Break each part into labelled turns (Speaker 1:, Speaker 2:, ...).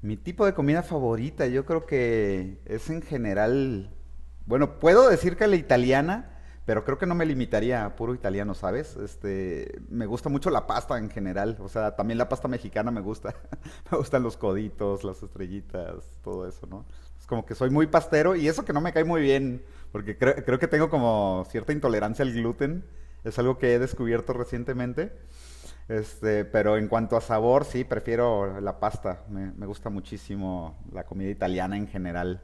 Speaker 1: Mi tipo de comida favorita, yo creo que es en general, bueno, puedo decir que la italiana, pero creo que no me limitaría a puro italiano, ¿sabes? Me gusta mucho la pasta en general, o sea, también la pasta mexicana me gusta. Me gustan los coditos, las estrellitas, todo eso, ¿no? Es como que soy muy pastero y eso que no me cae muy bien, porque creo que tengo como cierta intolerancia al gluten, es algo que he descubierto recientemente. Pero en cuanto a sabor, sí, prefiero la pasta. Me gusta muchísimo la comida italiana en general.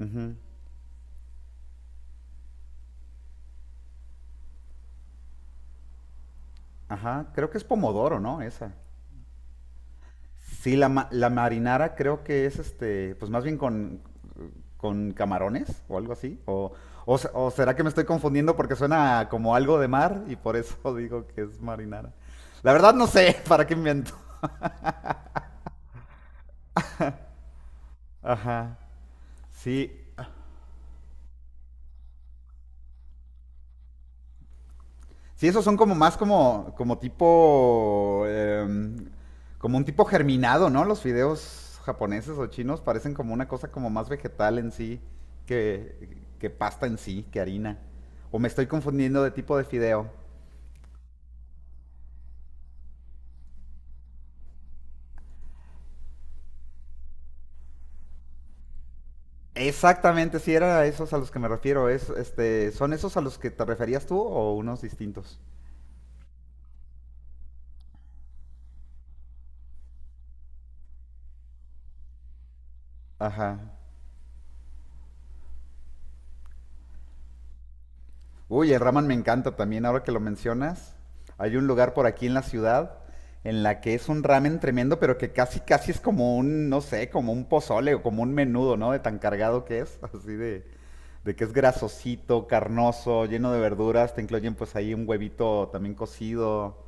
Speaker 1: Ujú. Ajá, creo que es pomodoro, ¿no? Esa. Sí, la marinara creo que es pues más bien con camarones o algo así. O, o será que me estoy confundiendo porque suena como algo de mar y por eso digo que es marinara. La verdad no sé para qué invento. Ajá. Sí, sí, esos son como tipo, como un tipo germinado, ¿no? Los fideos japoneses o chinos parecen como una cosa como más vegetal en sí que, que pasta en sí, que harina. O me estoy confundiendo de tipo de fideo. Exactamente, sí, era a esos a los que me refiero. ¿Son esos a los que te referías tú o unos distintos? Ajá. Uy, el ramen me encanta también, ahora que lo mencionas. Hay un lugar por aquí en la ciudad en la que es un ramen tremendo, pero que casi, casi es como un, no sé, como un pozole o como un menudo, ¿no? De tan cargado que es, así de que es grasosito, carnoso, lleno de verduras, te incluyen pues ahí un huevito también cocido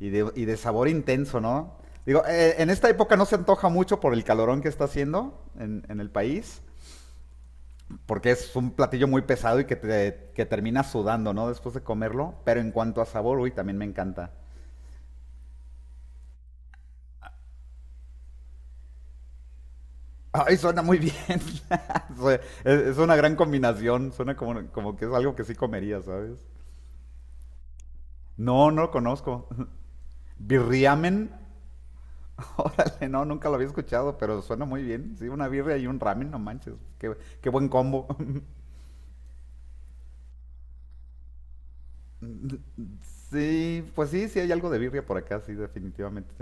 Speaker 1: y de sabor intenso, ¿no? Digo, en esta época no se antoja mucho por el calorón que está haciendo en el país, porque es un platillo muy pesado y que termina sudando, ¿no? Después de comerlo. Pero en cuanto a sabor, uy, también me encanta. Ay, suena muy bien. Es una gran combinación. Suena como, como que es algo que sí comería, ¿sabes? No, no lo conozco. Birriamen. Órale, no, nunca lo había escuchado, pero suena muy bien. Sí, una birria y un ramen, no manches. Qué, qué buen combo. Sí, pues sí, sí hay algo de birria por acá, sí, definitivamente.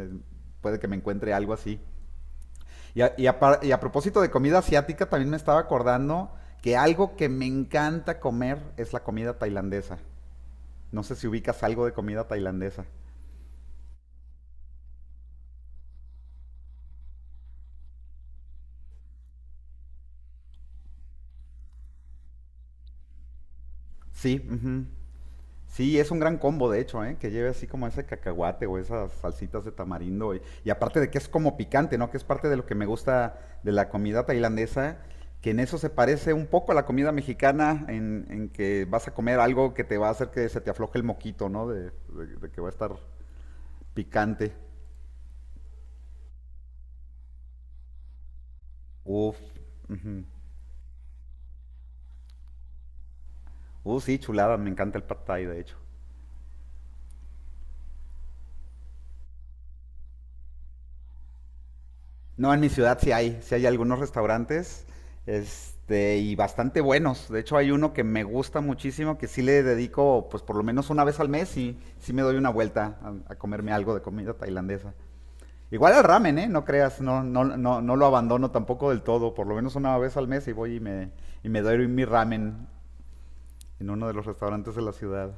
Speaker 1: Puede que me encuentre algo así. Y a, y a y a propósito de comida asiática, también me estaba acordando que algo que me encanta comer es la comida tailandesa. No sé si ubicas algo de comida tailandesa. Sí, ujú. Sí, es un gran combo, de hecho, ¿eh? Que lleve así como ese cacahuate o esas salsitas de tamarindo. Y aparte de que es como picante, ¿no? Que es parte de lo que me gusta de la comida tailandesa, que en eso se parece un poco a la comida mexicana, en que vas a comer algo que te va a hacer que se te afloje el moquito, ¿no? De que va a estar picante. Uf, ujú. Sí, chulada, me encanta el pad thai, de hecho. No, en mi ciudad sí hay algunos restaurantes, y bastante buenos. De hecho, hay uno que me gusta muchísimo, que sí le dedico, pues por lo menos una vez al mes, y sí me doy una vuelta a comerme algo de comida tailandesa. Igual al ramen, ¿eh? No creas, no, no, no, no lo abandono tampoco del todo. Por lo menos una vez al mes y voy y y me doy mi ramen en uno de los restaurantes de la ciudad.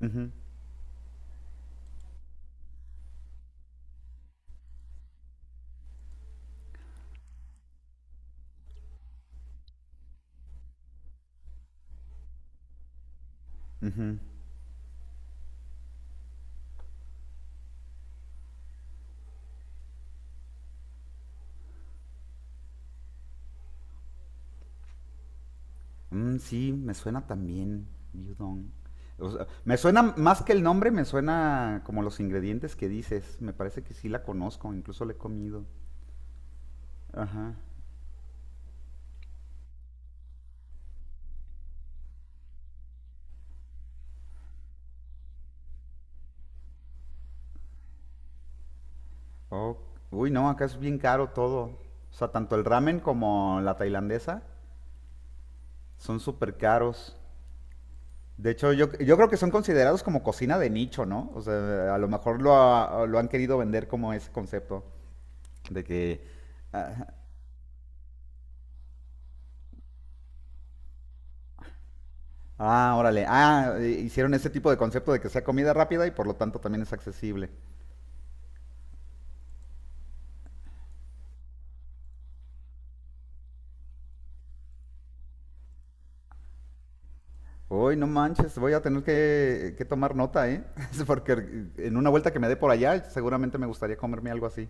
Speaker 1: Ujú, ujú. Mm, sí, me suena también, gyudon. O sea, me suena más que el nombre, me suena como los ingredientes que dices. Me parece que sí la conozco, incluso la he comido. Ajá. Oh, uy, no, acá es bien caro todo. O sea, tanto el ramen como la tailandesa son súper caros. De hecho, yo creo que son considerados como cocina de nicho, ¿no? O sea, a lo mejor lo han querido vender como ese concepto de que ah. Ah, órale. Ah, hicieron ese tipo de concepto de que sea comida rápida y por lo tanto también es accesible. Uy, no manches, voy a tener que tomar nota, ¿eh? Es porque en una vuelta que me dé por allá, seguramente me gustaría comerme algo así.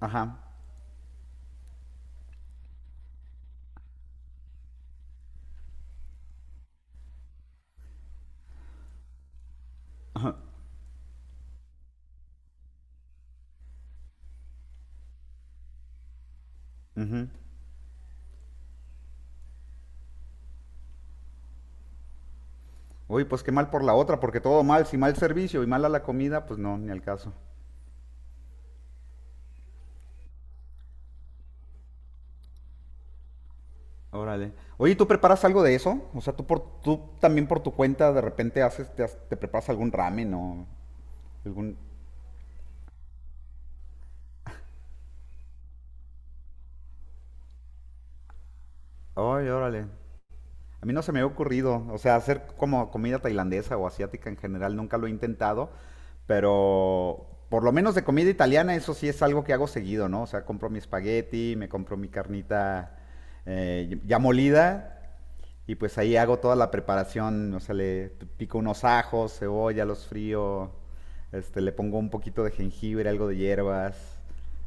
Speaker 1: Ajá. Ujú. Uy, pues qué mal por la otra, porque todo mal, si mal servicio y mala la comida, pues no, ni al caso. Órale. Oye, ¿tú preparas algo de eso? O sea, tú también por tu cuenta de repente te preparas algún ramen o algún... Ay, órale. A mí no se me ha ocurrido, o sea, hacer como comida tailandesa o asiática en general, nunca lo he intentado, pero por lo menos de comida italiana, eso sí es algo que hago seguido, ¿no? O sea, compro mi espagueti, me compro mi carnita ya molida y pues ahí hago toda la preparación, o sea, le pico unos ajos, cebolla, los frío, le pongo un poquito de jengibre, algo de hierbas,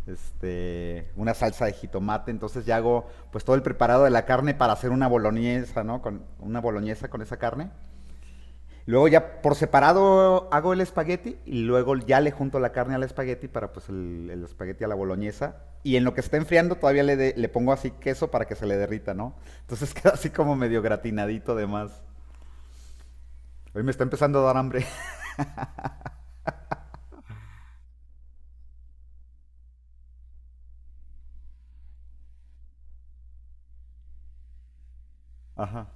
Speaker 1: una salsa de jitomate, entonces ya hago pues todo el preparado de la carne para hacer una boloñesa, ¿no? Con una boloñesa con esa carne. Luego ya por separado hago el espagueti y luego ya le junto la carne al espagueti para pues el espagueti a la boloñesa. Y en lo que está enfriando todavía le pongo así queso para que se le derrita, ¿no? Entonces queda así como medio gratinadito de más. Hoy me está empezando a dar hambre. Ajá.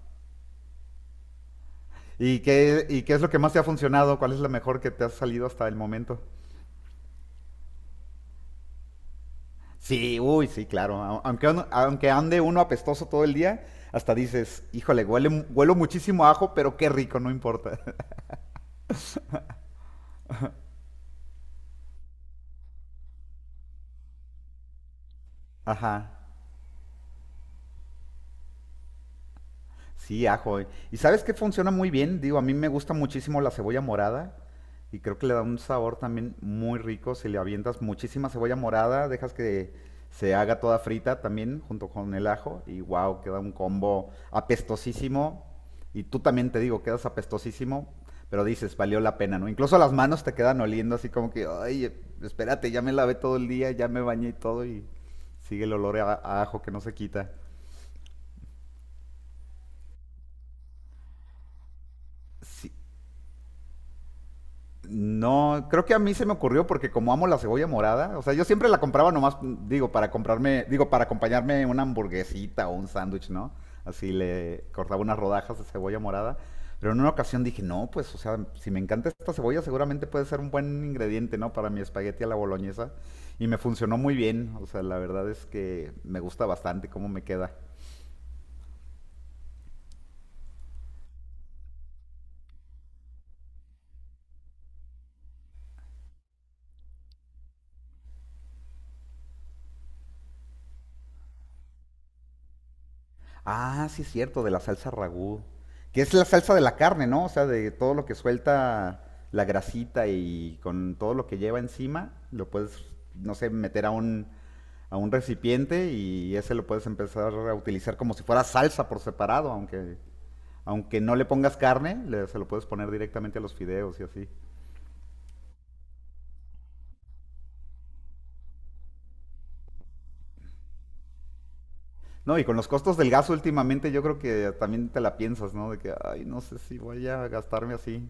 Speaker 1: ¿Y qué es lo que más te ha funcionado? ¿Cuál es la mejor que te ha salido hasta el momento? Sí, uy, sí, claro. A- aunque ande uno apestoso todo el día, hasta dices, híjole, huelo muchísimo a ajo, pero qué rico, no importa. Ajá. Sí, ajo. ¿Y sabes qué funciona muy bien? Digo, a mí me gusta muchísimo la cebolla morada y creo que le da un sabor también muy rico si le avientas muchísima cebolla morada, dejas que se haga toda frita también junto con el ajo y wow, queda un combo apestosísimo. Y tú también te digo, quedas apestosísimo, pero dices, valió la pena, ¿no? Incluso las manos te quedan oliendo así como que, ay, espérate, ya me lavé todo el día, ya me bañé y todo y sigue el olor a ajo que no se quita. Sí, no, creo que a mí se me ocurrió porque como amo la cebolla morada, o sea, yo siempre la compraba nomás, digo, para acompañarme una hamburguesita o un sándwich, ¿no? Así le cortaba unas rodajas de cebolla morada. Pero en una ocasión dije, no, pues, o sea, si me encanta esta cebolla, seguramente puede ser un buen ingrediente, ¿no? Para mi espagueti a la boloñesa. Y me funcionó muy bien, o sea, la verdad es que me gusta bastante cómo me queda. Ah, sí, es cierto, de la salsa ragú. Que es la salsa de la carne, ¿no? O sea, de todo lo que suelta la grasita y con todo lo que lleva encima, lo puedes, no sé, meter a un recipiente y ese lo puedes empezar a utilizar como si fuera salsa por separado, aunque, aunque no le pongas carne, se lo puedes poner directamente a los fideos y así. No, y con los costos del gas últimamente yo creo que también te la piensas, ¿no? De que, ay, no sé si voy a gastarme así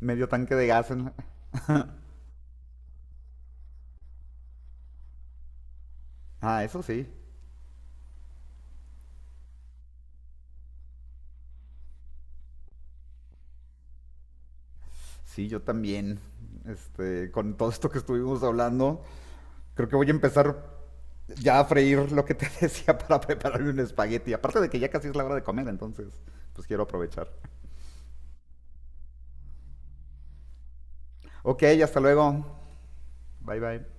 Speaker 1: medio tanque de gas en la-". Ah, eso sí. Sí, yo también. Con todo esto que estuvimos hablando, creo que voy a empezar ya a freír lo que te decía para prepararme un espagueti. Aparte de que ya casi es la hora de comer, entonces, pues quiero aprovechar. Ok, hasta luego. Bye bye.